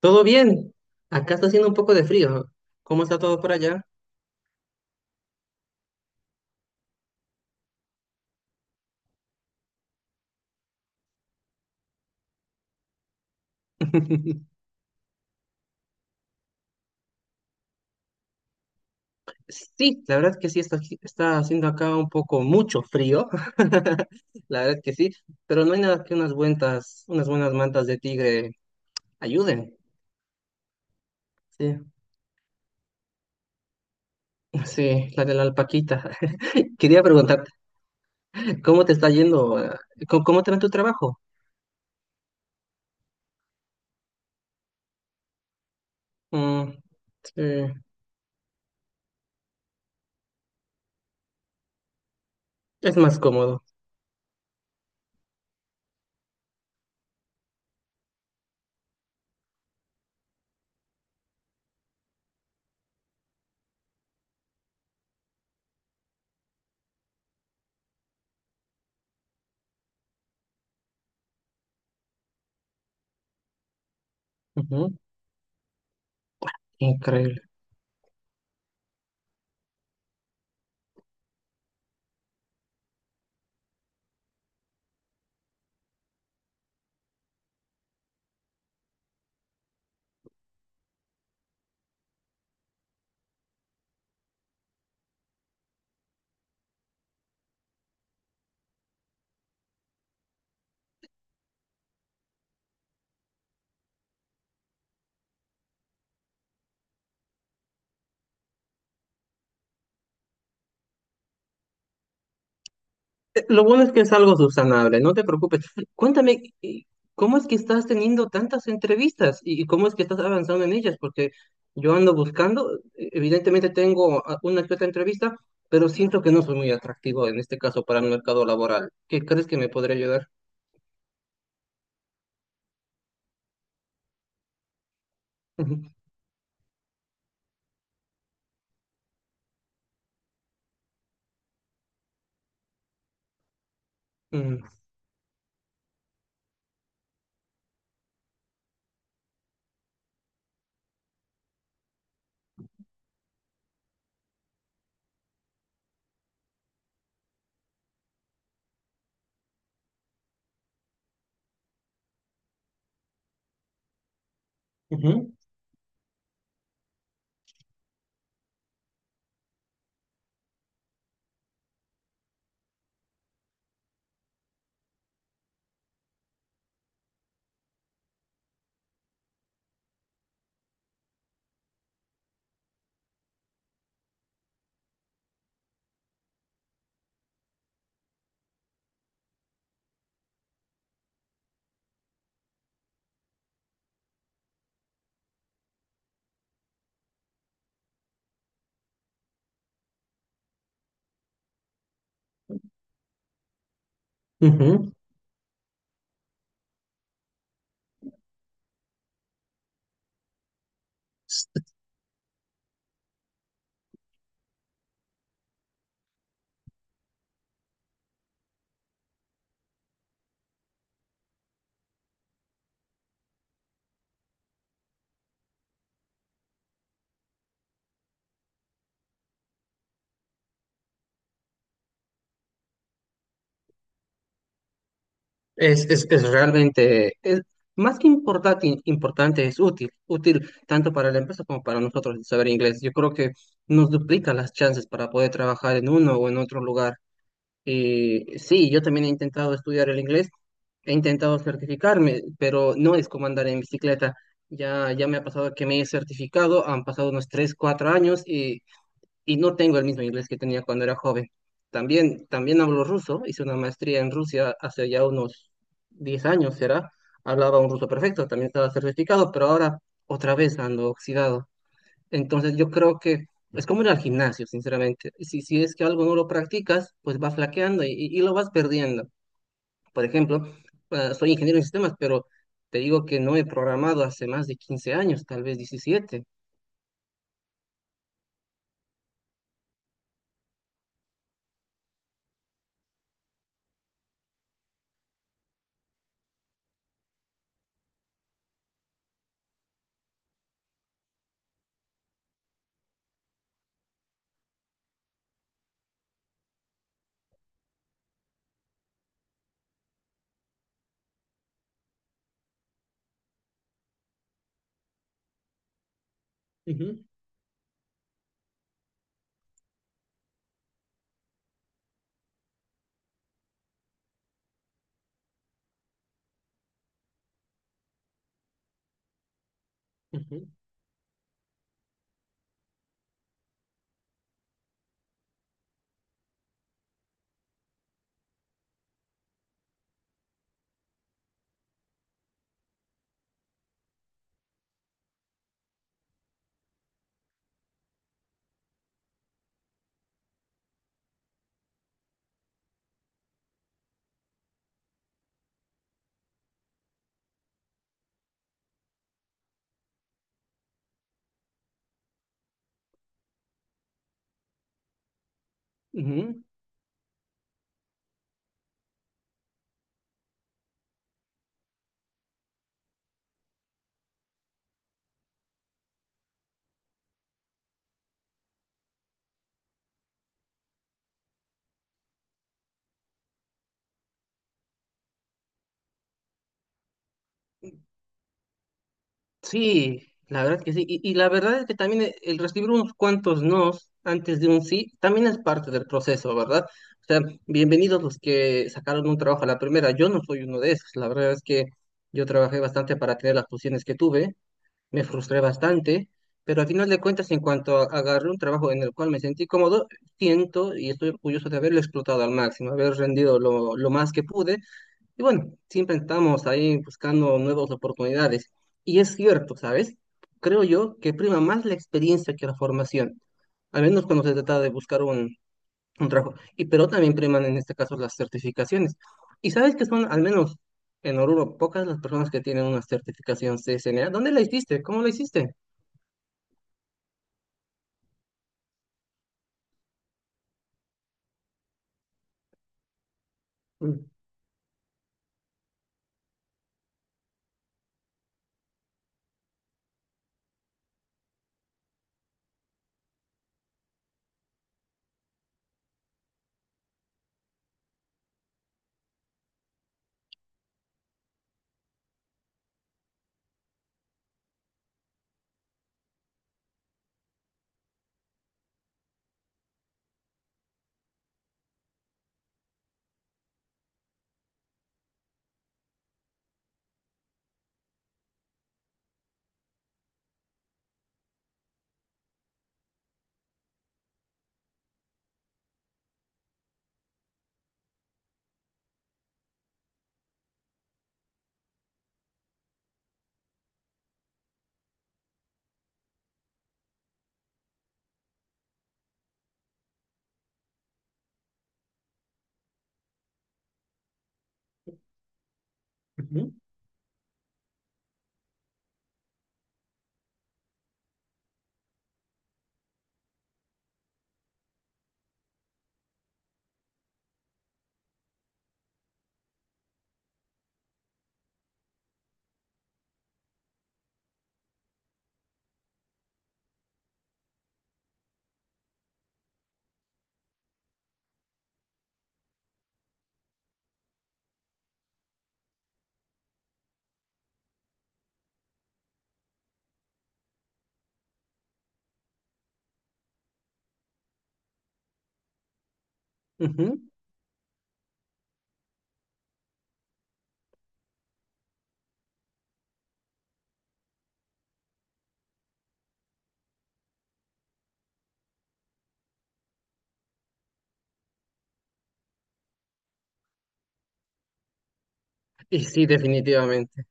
Todo bien. Acá está haciendo un poco de frío. ¿Cómo está todo por allá? Sí, la verdad es que sí, está, está haciendo acá un poco mucho frío. La verdad es que sí, pero no hay nada que unas buenas mantas de tigre ayuden. Sí, sí, la de la alpaquita. Quería preguntarte, ¿cómo te está yendo? ¿ cómo te va en tu trabajo? Mm, sí, es más cómodo. Ujú, increíble. Lo bueno es que es algo subsanable, no te preocupes. Cuéntame, ¿cómo es que estás teniendo tantas entrevistas y cómo es que estás avanzando en ellas? Porque yo ando buscando, evidentemente tengo una que otra entrevista, pero siento que no soy muy atractivo en este caso para el mercado laboral. ¿Qué crees que me podría ayudar? Ujú, mm, ujú, ujú. Es realmente, es, importante, es útil tanto para la empresa como para nosotros el saber inglés. Yo creo que nos duplica las chances para poder trabajar en uno o en otro lugar. Y sí, yo también he intentado estudiar el inglés, he intentado certificarme, pero no es como andar en bicicleta. Ya me ha pasado que me he certificado, han pasado unos 3 4 años y no tengo el mismo inglés que tenía cuando era joven. También hablo ruso, hice una maestría en Rusia hace ya unos 10 años, será. Hablaba un ruso perfecto, también estaba certificado, pero ahora otra vez ando oxidado. Entonces yo creo que es como ir al gimnasio, sinceramente. Si es que algo no lo practicas, pues va flaqueando y lo vas perdiendo. Por ejemplo, soy ingeniero en sistemas, pero te digo que no he programado hace más de 15 años, tal vez 17. Ujú, ujú. Ujú. Sí, la verdad que sí. Y la verdad es que también el recibir unos cuantos nos antes de un sí también es parte del proceso, ¿verdad? O sea, bienvenidos los que sacaron un trabajo a la primera. Yo no soy uno de esos. La verdad es que yo trabajé bastante para tener las posiciones que tuve. Me frustré bastante, pero al final de cuentas, en agarré un trabajo en el cual me sentí cómodo, siento y estoy orgulloso de haberlo explotado al máximo, haber rendido lo más que pude y bueno, siempre estamos ahí buscando nuevas oportunidades. Y es cierto, ¿sabes? Creo yo que prima más la experiencia que la formación, al menos cuando se trata de buscar un trabajo. Y pero también priman en este caso las certificaciones. Y sabes que son, al menos en Oruro, pocas las personas que tienen una certificación C S N A. ¿Dónde la hiciste? ¿Cómo la hiciste? Mm, ujú, ujú. Y sí, definitivamente.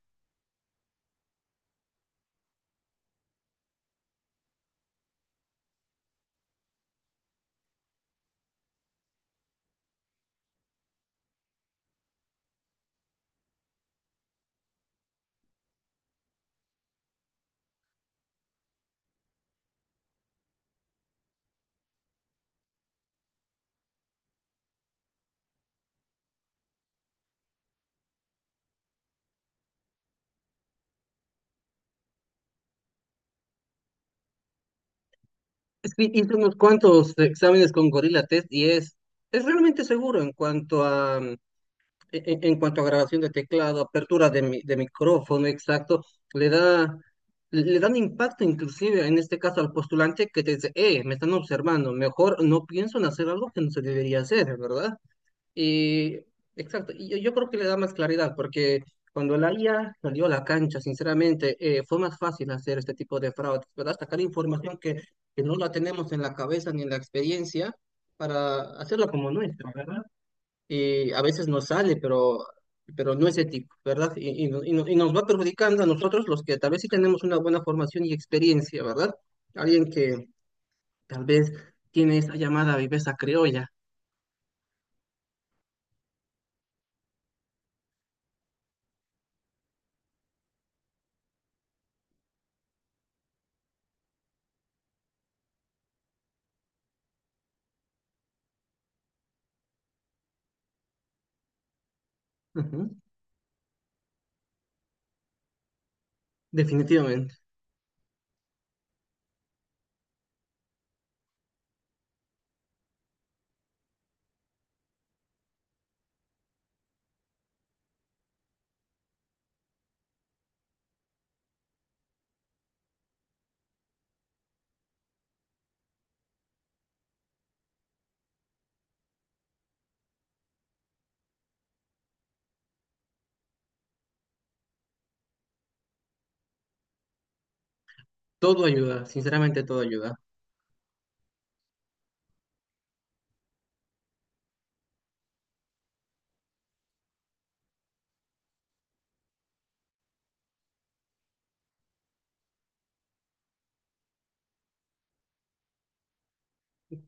Sí, hice unos cuantos exámenes con Gorilla Test y es realmente seguro en cuanto a en cuanto a grabación de teclado, apertura de, de micrófono, exacto, le da, le dan impacto inclusive en este caso al postulante que te dice, me están observando, mejor no pienso en hacer algo que no se debería hacer, ¿verdad? Y exacto, yo creo que le da más claridad porque cuando la IA salió a la cancha, sinceramente, fue más fácil hacer este tipo de fraudes, ¿verdad? Sacar información que no la tenemos en la cabeza ni en la experiencia para hacerla como nuestra, ¿verdad? Y a veces nos sale, pero no es ético, ¿verdad? Y, no- y no- y nos va perjudicando a nosotros los que tal vez sí tenemos una buena formación y experiencia, ¿verdad? Alguien que tal vez tiene esa llamada viveza criolla. Ujú, definitivamente. Todo ayuda, sinceramente todo ayuda.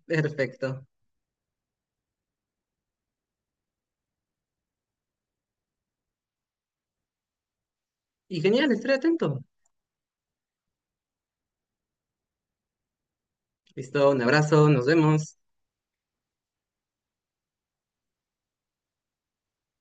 Perfecto. Y genial, estaré atento. Listo, un abrazo, nos vemos.